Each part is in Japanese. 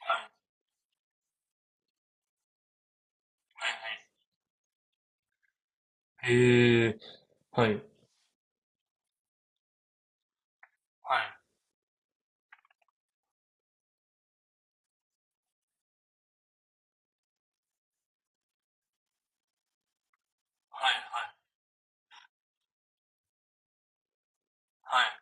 はいはいはい。へえ、はい。はいはいはいはい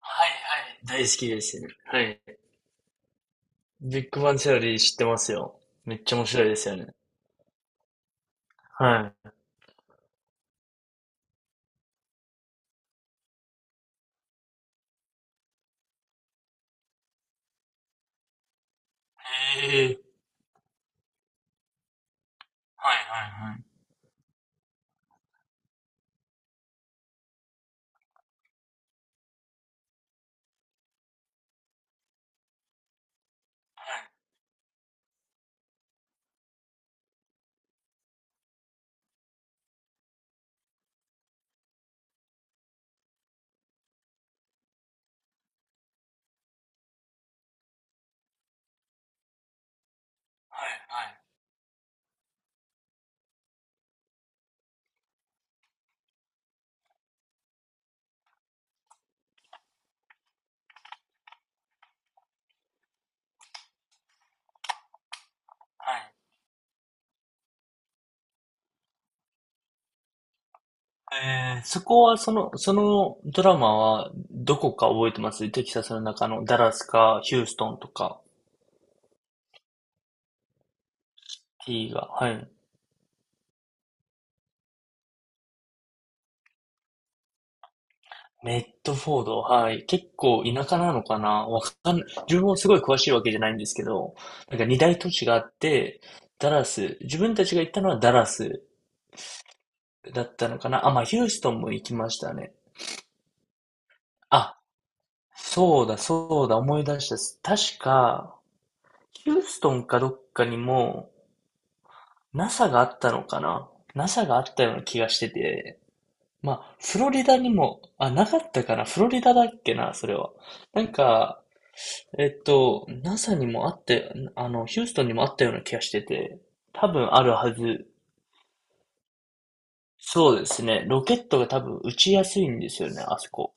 はいはい、大好きですね。はい。ビッグバンチャリー知ってますよ。めっちゃ面白いですよね。はい。へえ、はいはいはいはいはいはいはい。そこは、そのドラマは、どこか覚えてます？テキサスの中のダラスか、ヒューストンとか、T が。はい。メッドフォード、はい。結構田舎なのかな、わかんない、自分もすごい詳しいわけじゃないんですけど、なんか二大都市があって、ダラス、自分たちが行ったのはダラスだったのかなあ、まあ、ヒューストンも行きましたね。あ、そうだ、そうだ、思い出したっす。確か、ヒューストンかどっかにも、NASA があったのかな？ NASA があったような気がしてて、まあ、フロリダにも、あ、なかったかな、フロリダだっけな、それは。なんか、NASA にもあって、ヒューストンにもあったような気がしてて、多分あるはず。そうですね。ロケットが多分打ちやすいんですよね、あそこ。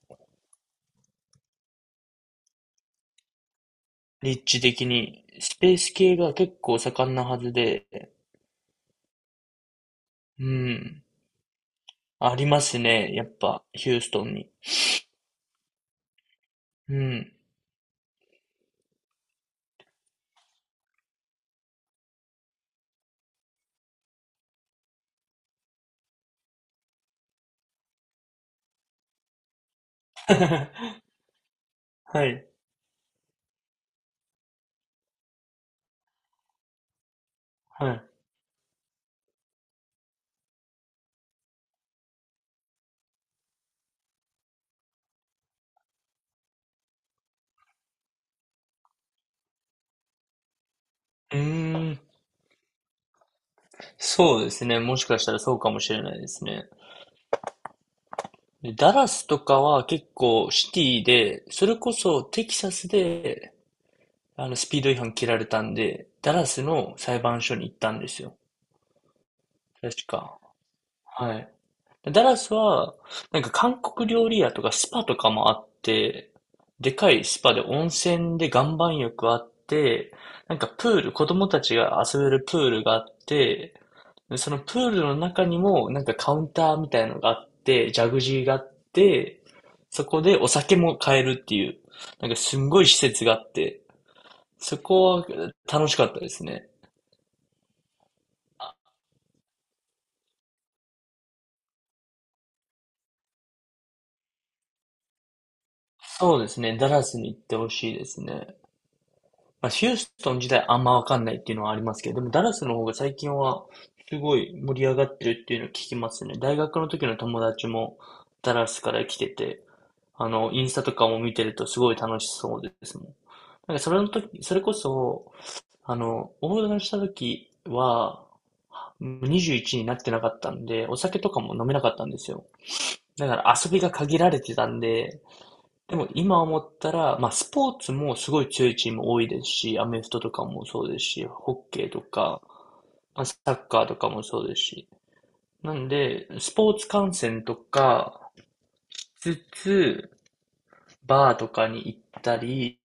立地的に。スペース系が結構盛んなはずで、うん。ありますね、やっぱ、ヒューストンに。うん。はい、はい。うーん。そうですね。もしかしたらそうかもしれないですね。でダラスとかは結構シティで、それこそテキサスでスピード違反切られたんで、ダラスの裁判所に行ったんですよ。確か。はい。ダラスは、なんか韓国料理屋とかスパとかもあって、でかいスパで温泉で岩盤浴あって、なんかプール、子供たちが遊べるプールがあって、でそのプールの中にもなんかカウンターみたいのがあって、ジャグジーがあって、そこでお酒も買えるっていう、なんかすんごい施設があって、そこは楽しかったですね。そうですね。ダラスに行ってほしいですね。まあ、ヒューストン自体あんまわかんないっていうのはありますけど、でもダラスの方が最近はすごい盛り上がってるっていうのを聞きますね。大学の時の友達もダラスから来てて、インスタとかも見てるとすごい楽しそうですもん。なんかそれの時、それこそ、オーダーした時は、21になってなかったんで、お酒とかも飲めなかったんですよ。だから遊びが限られてたんで、でも今思ったら、まあスポーツもすごい強いチーム多いですし、アメフトとかもそうですし、ホッケーとか、まあ、サッカーとかもそうですし。なんで、スポーツ観戦とかしつつ、バーとかに行ったり、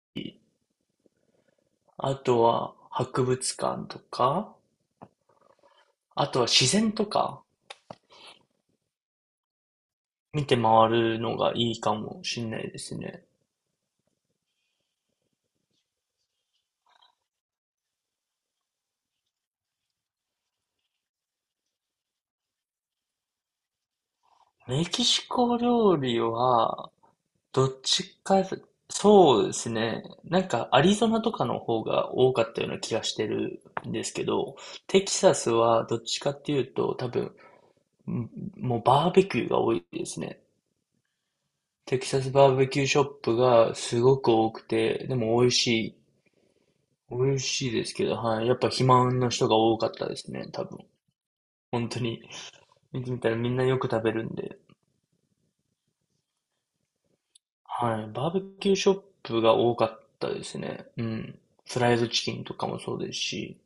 あとは博物館とか、あとは自然とか見て回るのがいいかもしれないですね。メキシコ料理は、どっちか、そうですね。なんか、アリゾナとかの方が多かったような気がしてるんですけど、テキサスはどっちかっていうと、多分、んもうバーベキューが多いですね。テキサスバーベキューショップがすごく多くて、でも美味しい。美味しいですけど、はい。やっぱ肥満の人が多かったですね、多分。本当に。見てみたらみんなよく食べるんで。はい。バーベキューショップが多かったですね。うん。フライドチキンとかもそうですし。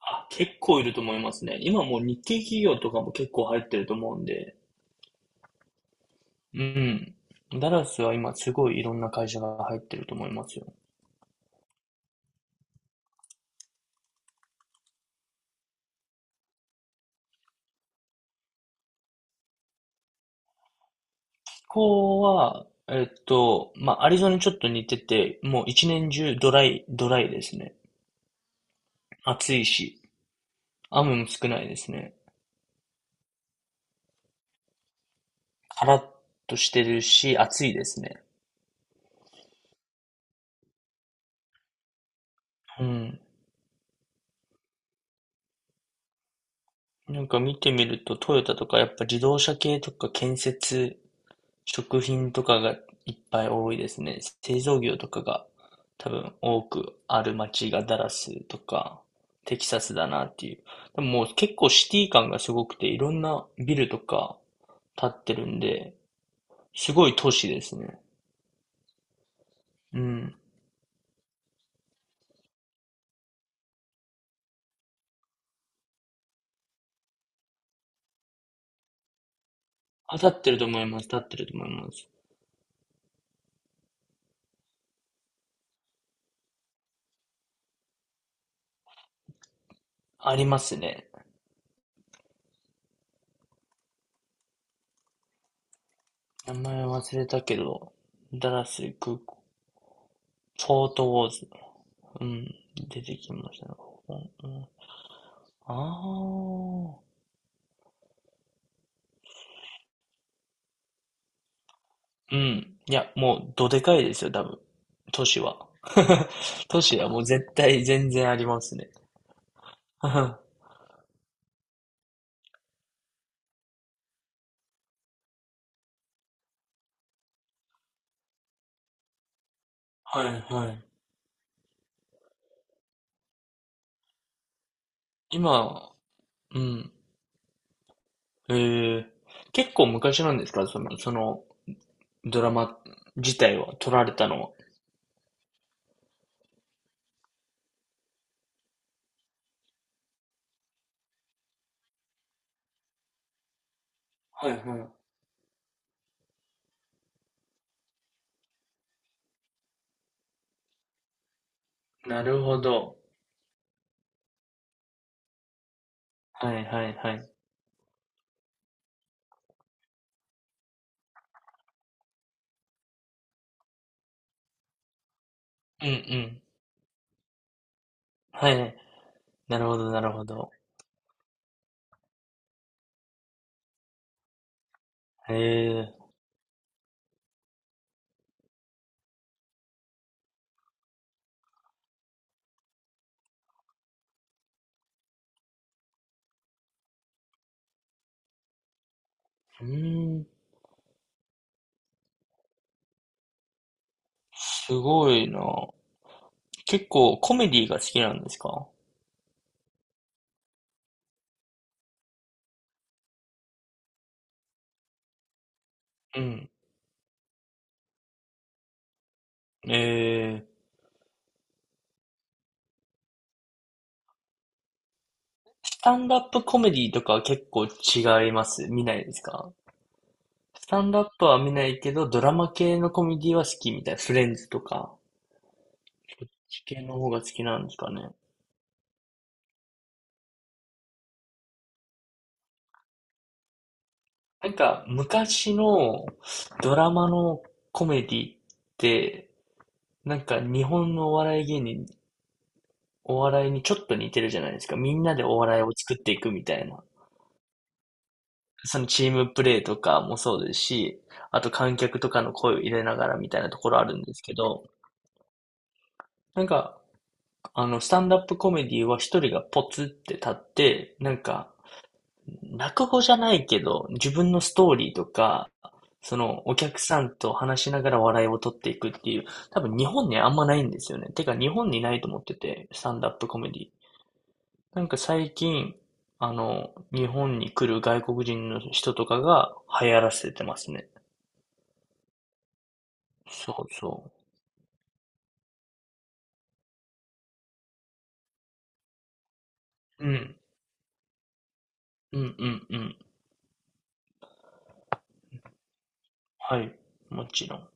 あ、結構いると思いますね。今もう日系企業とかも結構入ってると思うんで。うん。ダラスは今すごいいろんな会社が入ってると思いますよ。気候は、まあ、アリゾナにちょっと似てて、もう一年中ドライ、ドライですね。暑いし、雨も少ないですね。カラッとしてるし、暑いですね。うん。なんか見てみると、トヨタとかやっぱ自動車系とか建設食品とかがいっぱい多いですね。製造業とかが多分多くある街がダラスとかテキサスだなっていう。でももう結構シティ感がすごくていろんなビルとか建ってるんで、すごい都市ですね。うん。あ、建ってると思います。建ってると思います。ありますね。名前忘れたけど、ダラス空港、フォートウォーズ。うん。出てきましたね。ここ、うん、ああ。うん。いや、もう、どでかいですよ、多分。都市は。都市はもう絶対全然ありますね。はいはい。今、うん。えー結構昔なんですか、そのドラマ自体は、撮られたのは。はいはい。なるほど。はいはいはい。うんうん。はい。なるほどなるほど。ええ、うーん。すごいな。結構コメディが好きなんですか？うん。ええ、スタンダップコメディとかは結構違います？見ないですか？スタンダップは見ないけど、ドラマ系のコメディは好きみたいな。フレンズとか、そっち系の方が好きなんですかね。なんか、昔のドラマのコメディって、なんか日本のお笑い芸人、お笑いにちょっと似てるじゃないですか。みんなでお笑いを作っていくみたいな。そのチームプレーとかもそうですし、あと観客とかの声を入れながらみたいなところあるんですけど、なんかスタンダップコメディは一人がポツって立って、なんか、落語じゃないけど、自分のストーリーとか、その、お客さんと話しながら笑いを取っていくっていう、多分日本にあんまないんですよね。てか日本にないと思ってて、スタンダップコメディ。なんか最近、日本に来る外国人の人とかが流行らせてますね。そうそう。うん、うん、うん、うん。はい、もちろん。